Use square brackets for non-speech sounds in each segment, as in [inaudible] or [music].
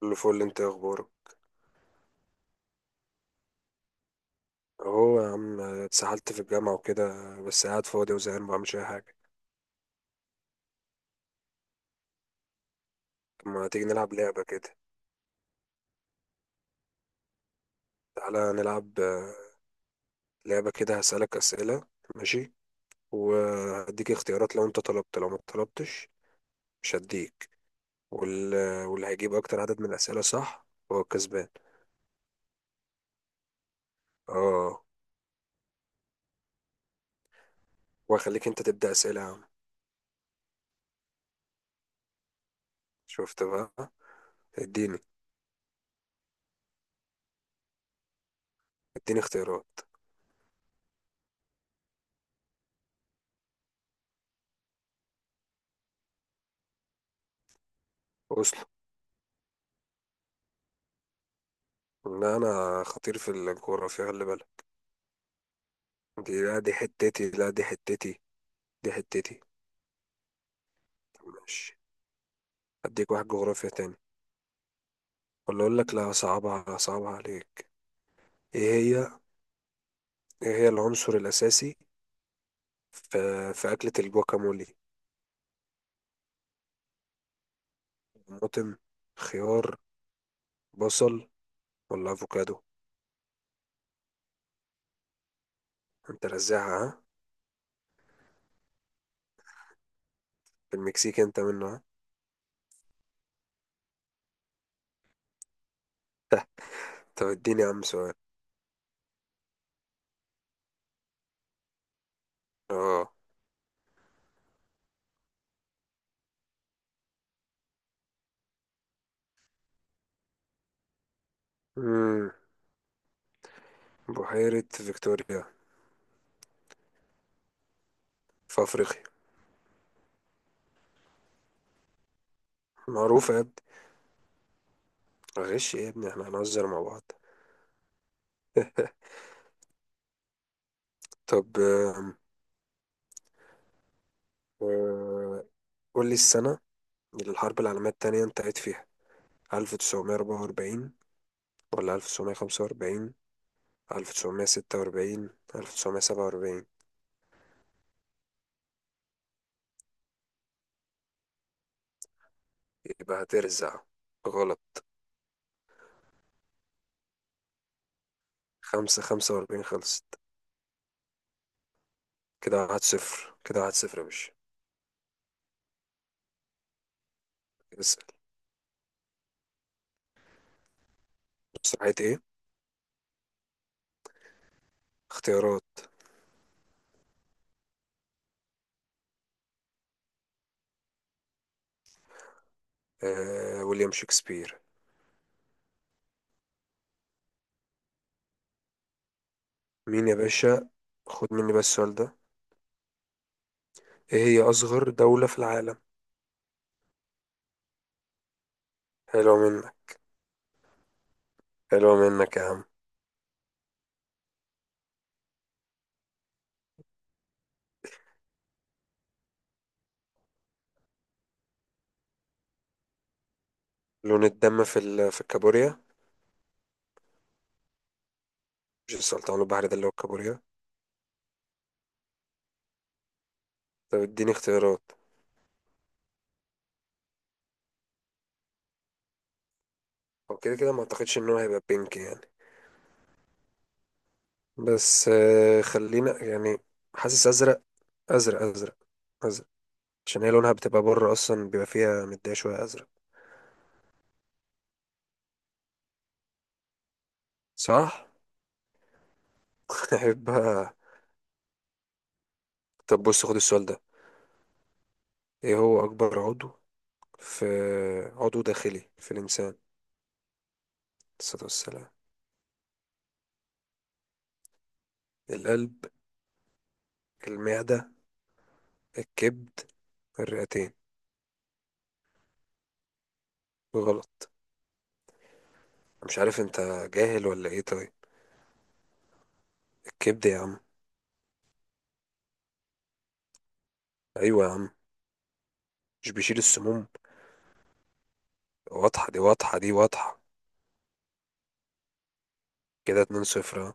كله فل، انت ايه اخبارك؟ اهو يا عم اتسحلت في الجامعة وكده. بس قاعد فاضي وزهقان مبعملش اي حاجة. طب ما تيجي نلعب لعبة كده. تعالى نلعب لعبة كده، هسألك أسئلة. ماشي. وهديك اختيارات، لو انت طلبت لو ما طلبتش مش هديك. وال... واللي هيجيب أكتر عدد من الأسئلة صح هو الكسبان. اه. وهخليك انت تبدأ أسئلة يا عم. شفت بقى؟ اديني اديني اختيارات. أصل لا، أنا خطير في الجغرافيا، خلي بالك. دي لا، دي حتتي، لا دي حتتي، دي حتتي. طب ماشي. هديك واحد جغرافيا تاني، ولا اقول لك لا، صعبها صعبها عليك. ايه هي ايه هي العنصر الاساسي في في اكلة الجواكامولي؟ طماطم، خيار، بصل، ولا افوكادو؟ انت رزعها ها. في المكسيك انت منها. طب اديني يا عم سؤال. اه. امم بحيرة فيكتوريا في افريقيا. معروفة يا ابني. غش إيه يا ابني، احنا هنهزر مع بعض. طب آه، قول لي السنة اللي الحرب العالمية التانية انتهت فيها، ألف تسعمية أربعة وأربعين، ولا ألف تسعمية خمسة وأربعين، ألف تسعمية ستة وأربعين، ألف تسعمية سبعة وأربعين. يبقى هترزع. غلط. خمسة وأربعين خلصت. كده واحد صفر، كده واحد صفر يا باشا. اسأل. مسرحية إيه؟ اختيارات. ويليام شكسبير. مين يا باشا؟ خد مني بس السؤال ده. إيه هي أصغر دولة في العالم؟ حلوة منك. حلوة منك يا عم. لون الدم في الكابوريا. مش السلطان البحري ده اللي هو الكابوريا؟ طب اديني اختيارات. هو كده كده ما اعتقدش ان هو هيبقى بينك يعني. بس خلينا يعني. حاسس ازرق. ازرق، ازرق، ازرق. عشان هي لونها بتبقى بره اصلا بيبقى فيها مديه شويه ازرق. صح. [laughs] هيبقى. طب بص، خد السؤال ده. ايه هو اكبر عضو في عضو داخلي في الانسان، عليه الصلاة والسلام؟ القلب، المعده، الكبد، الرئتين. غلط. مش عارف، انت جاهل ولا ايه طيب؟ الكبد يا عم. ايوه يا عم، مش بيشيل السموم؟ واضحه دي، واضحه دي، واضحه. كده، 2-0 اهو.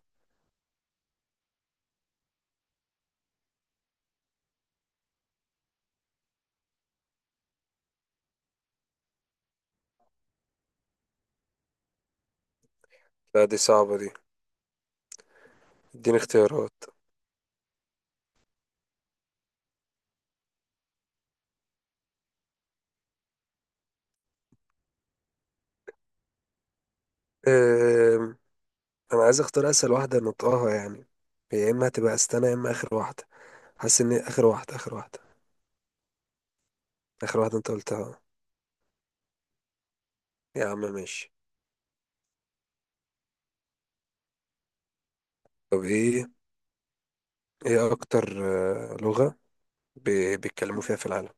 لا دي صعبة دي. اديني اختيارات. أم... انا عايز اختار اسهل واحدة نطقها يعني. هي يا اما هتبقى استنى، يا اما اخر واحدة. حاسس ان اخر واحدة، اخر واحدة. اخر واحدة انت قلتها. يا عم ماشي. طب ايه، اكتر لغة ب... بيتكلموا فيها في العالم؟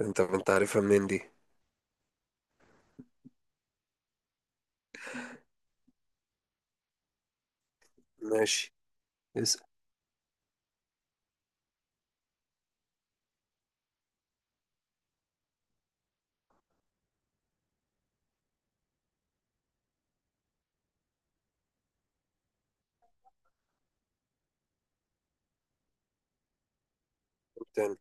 انت عارفها منين دي؟ ماشي، اسأل. تاني.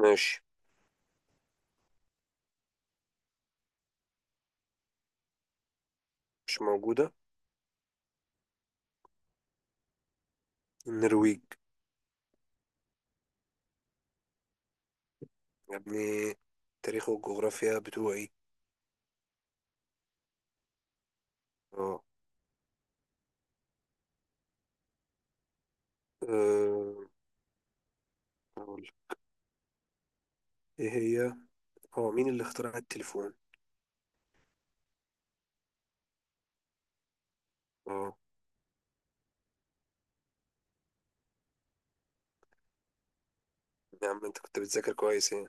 ماشي. مش موجودة، النرويج. يا ابني، تاريخ والجغرافيا بتوعي. اه. أه، أقول ايه هي، هو مين اللي اخترع التليفون؟ اه. يا عم انت كنت بتذاكر كويس يعني.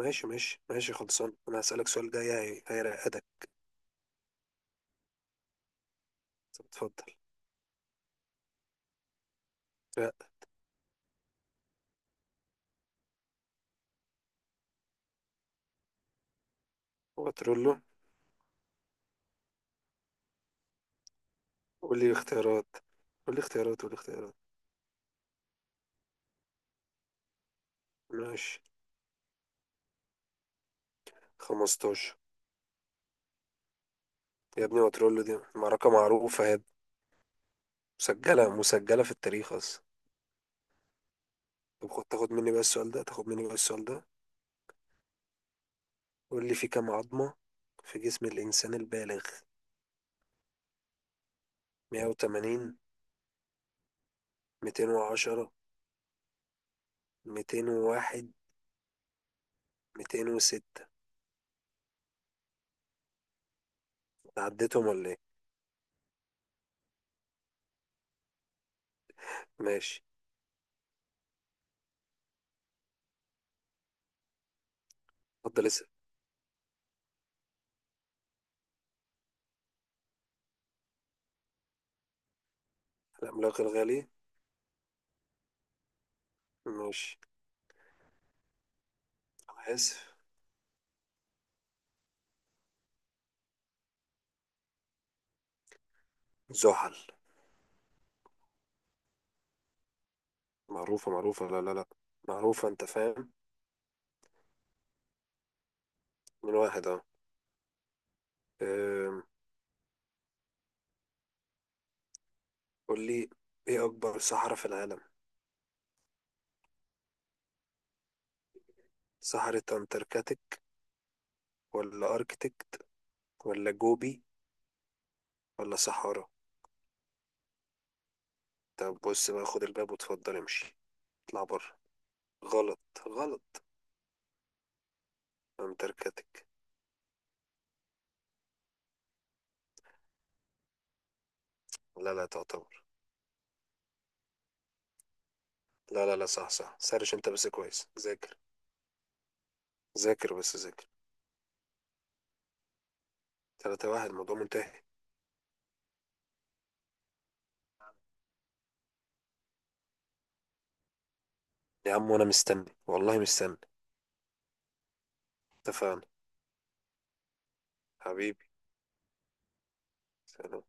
ماشي، ماشي، ماشي. خلصان، انا هسألك سؤال جاي هيرقدك. طب اتفضل. لا. هو تقول له. قول لي اختيارات، قول لي اختيارات، قول لي اختيارات. ماشي. 15. يا ابني وترولو دي معركة معروفة هي، مسجلة، مسجلة في التاريخ أصلا. طب تاخد مني بقى السؤال ده، تاخد مني بقى السؤال ده. قول لي، في كام عظمة في جسم الإنسان البالغ؟ 180، 210، 201، 206؟ عديتهم ولا ايه؟ ماشي. اتفضل اسأل. العملاق الغالي؟ ماشي. أنا آسف. زحل. معروفة، معروفة، لا لا لا. معروفة، انت فاهم. من واحد، اه. أم، قول لي ايه أكبر صحراء في العالم؟ صحراء أنتاركتيك، ولا أركتيك، ولا جوبي، ولا صحارى؟ طب بص بقى، خد الباب واتفضل امشي. اطلع بره. غلط، غلط. أنتاركتيك. لا لا، تعتبر. لا لا لا، صح، صح. سرش انت بس كويس، ذاكر. ذاكر بس ذاكر. تلاتة واحد، الموضوع منتهي. يا عم وانا مستني، والله مستني. اتفقنا. حبيبي. سلام.